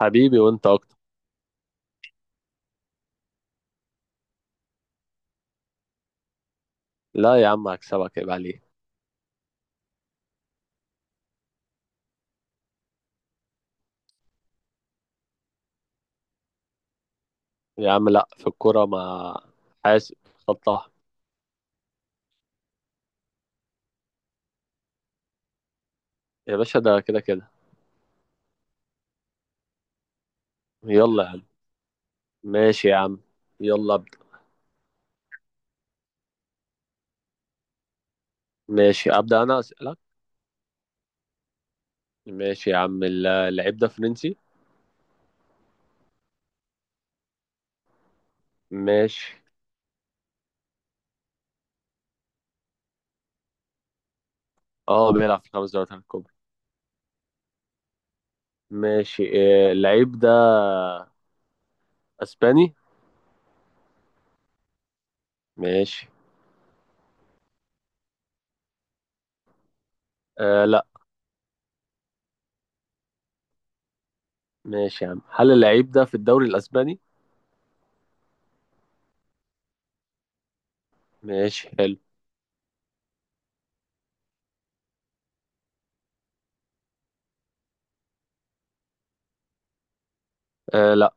حبيبي، وانت اكتر. لا يا عم، هكسبك، عيب عليك. يا عم، لا، في الكوره ما حاسب. خطها. يا باشا، ده كده كده. يلا يا عم. ماشي يا عم. يلا ابدا. ماشي، ابدا، انا اسالك. ماشي يا عم، اللعيب ده فرنسي؟ ماشي. اه، بيلعب في 5 دوريات الكبرى. ماشي. اللعيب ده اسباني؟ ماشي. آه، لا. ماشي يا عم، هل اللعيب ده في الدوري الاسباني؟ ماشي، حلو. آه، لا.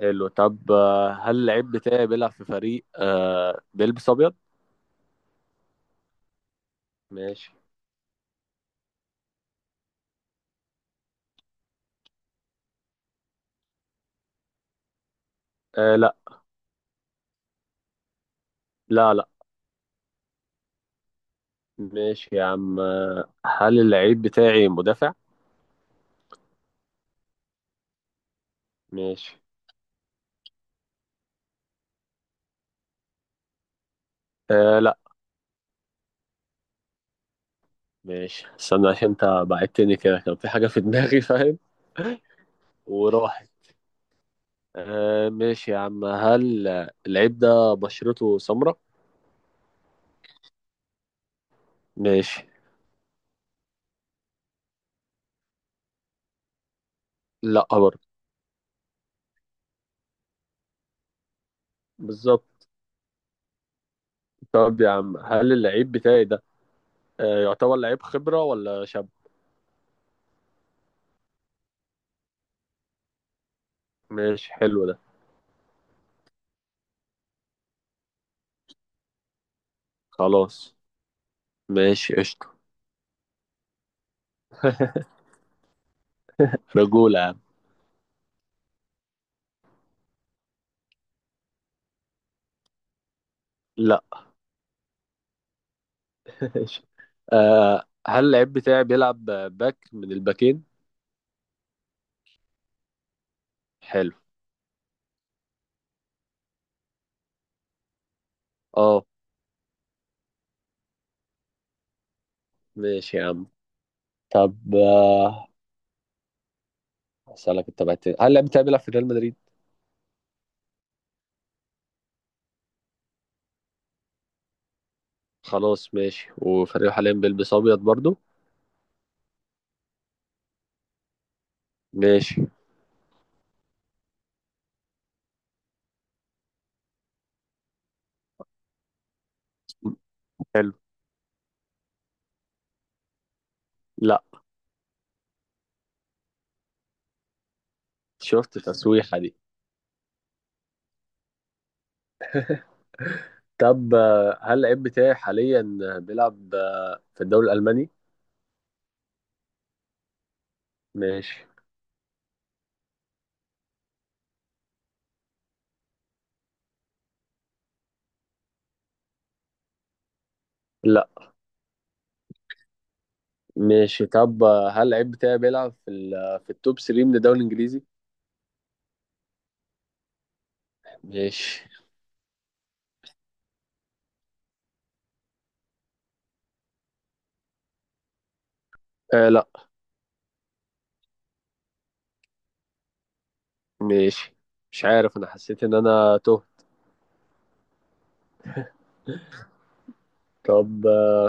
حلو. طب، هل اللعيب بتاعي بيلعب في فريق بيلبس ابيض؟ ماشي. آه، لا. لا، لا. ماشي يا عم، هل اللعيب بتاعي مدافع؟ ماشي. آه، لا. ماشي، استنى، عشان انت بعدتني كده كان في حاجة في دماغي فاهم؟ وراحت. آه، ماشي يا عم، هل اللعيب ده بشرته سمراء؟ ماشي. لا برضه. بالظبط. طب يا عم، هل اللعيب بتاعي ده يعتبر لعيب خبرة ولا شاب؟ ماشي، حلو ده. خلاص. ماشي قشطة. رجولة يا عم. لا. ماشي. هل اللعيب بتاعي بيلعب باك من الباكين؟ حلو. اه. ماشي يا عم. طب، اسالك انت بقى تاني. هل اللعيب بتاعي بيلعب في ريال مدريد؟ خلاص ماشي، وفريقه حاليا بيلبس ابيض برضو؟ ماشي. حلو. لا، شفت التسويحه دي؟ طب، هل اللعيب بتاعي حاليا بيلعب في الدوري الالماني؟ ماشي. لا. ماشي. طب، هل اللعيب بتاعي بيلعب في في التوب 3 من الدوري الانجليزي؟ ماشي. آه، لا. ماشي. مش عارف، انا حسيت ان انا تهت. طب،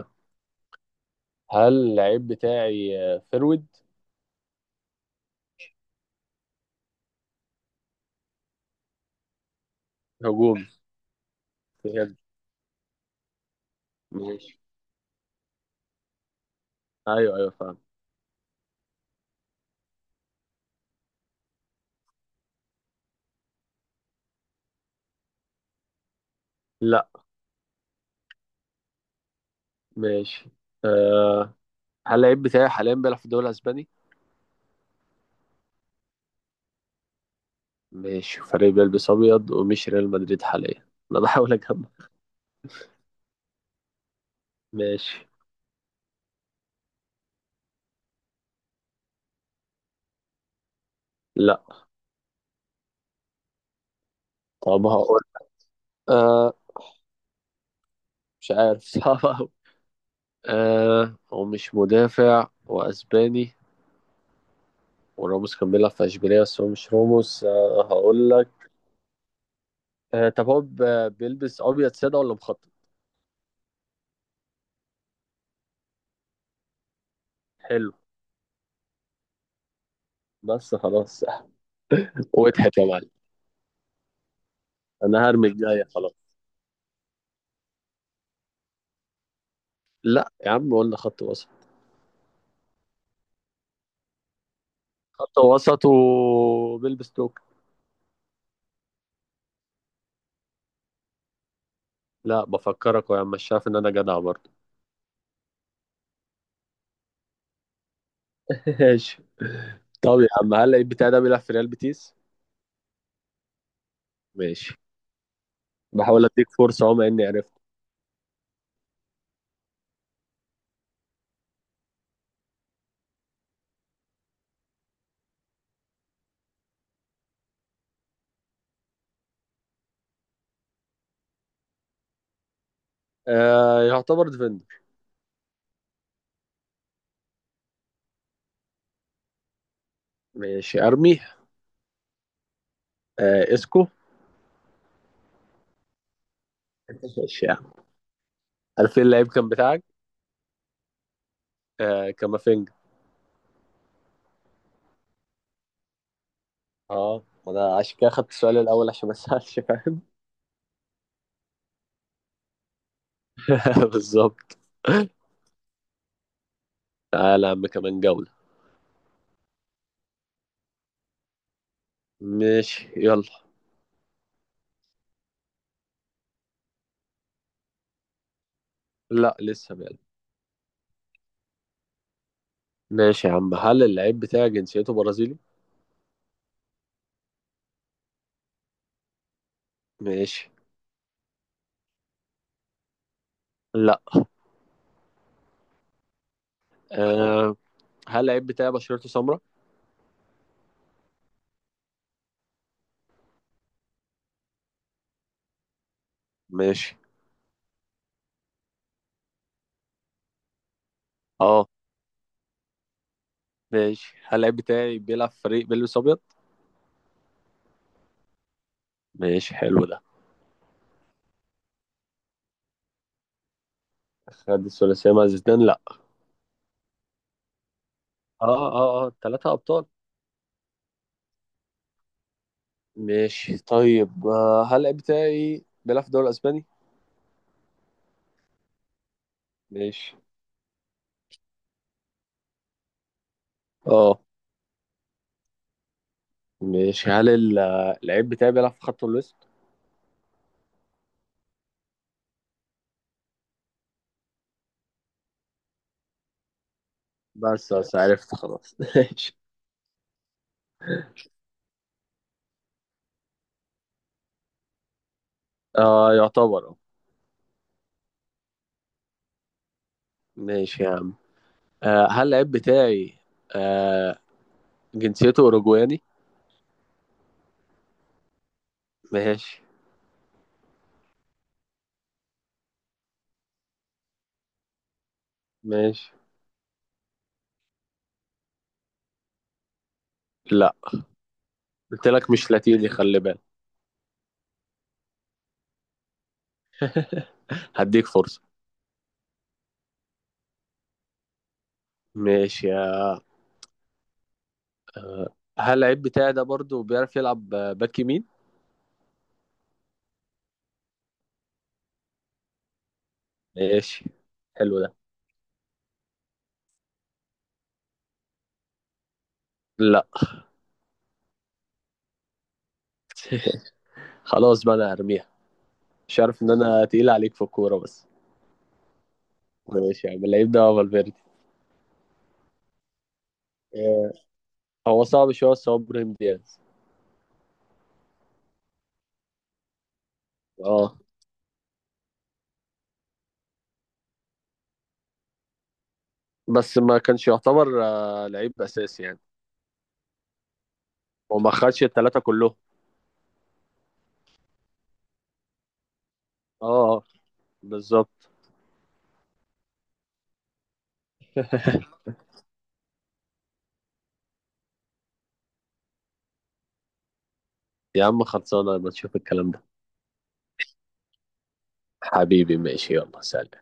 هل اللعيب بتاعي فرود؟ هجوم. بجد؟ ماشي. ايوه، ايوه، فاهم. لا. ماشي. أه هل اللعيب بتاعي حاليا بيلعب في الدوري الاسباني؟ ماشي، فريق بيلبس ابيض ومش ريال مدريد حاليا؟ انا بحاول اجمع. ماشي. لا. طب، هقول. أه مش عارف صعب أوي. هو مش مدافع واسباني. وراموس كان بيلعب في اشبيليه بس هو مش راموس، هقول لك. طب، هو بيلبس ابيض ساده ولا مخطط؟ حلو. بس خلاص. واضحك يا معلم. انا هرمي الجايه خلاص. لا يا عم، قلنا خط وسط. خط وسط وبيلبس توك. لا، بفكرك يا عم، مش شايف ان انا جدع برضه؟ ماشي. طب يا عم، هل اللعيب بتاعي ده بيلعب في ريال بيتيس؟ ماشي. بحاول اديك فرصه اهو، مع اني عرفت. آه، يعتبر ديفندر. ماشي ارمي. آه، اسكو. ماشي يا عم. عارفين اللعيب كان بتاعك؟ آه، كامافينجا. اه، انا عشان كده خدت السؤال الاول عشان ما اسالش، فاهم؟ بالظبط. تعالى يا عم كمان جولة. ماشي يلا. لا، لسه بقى. ماشي يا عم، هل اللعيب بتاعي جنسيته برازيلي؟ ماشي. لا. آه. هل اللعيب بتاعي بشرته سمراء؟ ماشي. اه. ماشي، هل اللعيب بتاعي بيلعب في فريق بيلبس ابيض؟ ماشي حلو ده. خد الثلاثية مع زيدان؟ لا. اه، اه، اه، 3 ابطال. ماشي طيب. هل اللعيب بتاعي بيلعب في الدوري الاسباني؟ ماشي. اه. ماشي، هل اللعيب بتاعي بيلعب في خط الوسط؟ بس بس عرفت خلاص. ماشي. آه، يعتبر، اه. ماشي يا عم. هل اللعيب بتاعي آه جنسيته أوروجواني؟ ماشي. ماشي. لا، قلت لك مش لاتيني، خلي بالك. هديك فرصة. ماشي. هل اللعيب بتاعي ده برضو بيعرف يلعب باك يمين؟ ماشي، حلو ده. لا. خلاص بقى، انا هرميها. مش عارف ان انا تقيل عليك في الكورة بس. ماشي يا عم، اللعيب ده فالفيردي؟ هو صعب شويه، بس هو ابراهيم دياز. اه. بس ما كانش يعتبر لعيب اساسي يعني. وما خدش الثلاثه كلهم. اه. آه، بالظبط. يا عم، خلصانه، ما تشوف الكلام ده. حبيبي، ماشي، يلا سلام.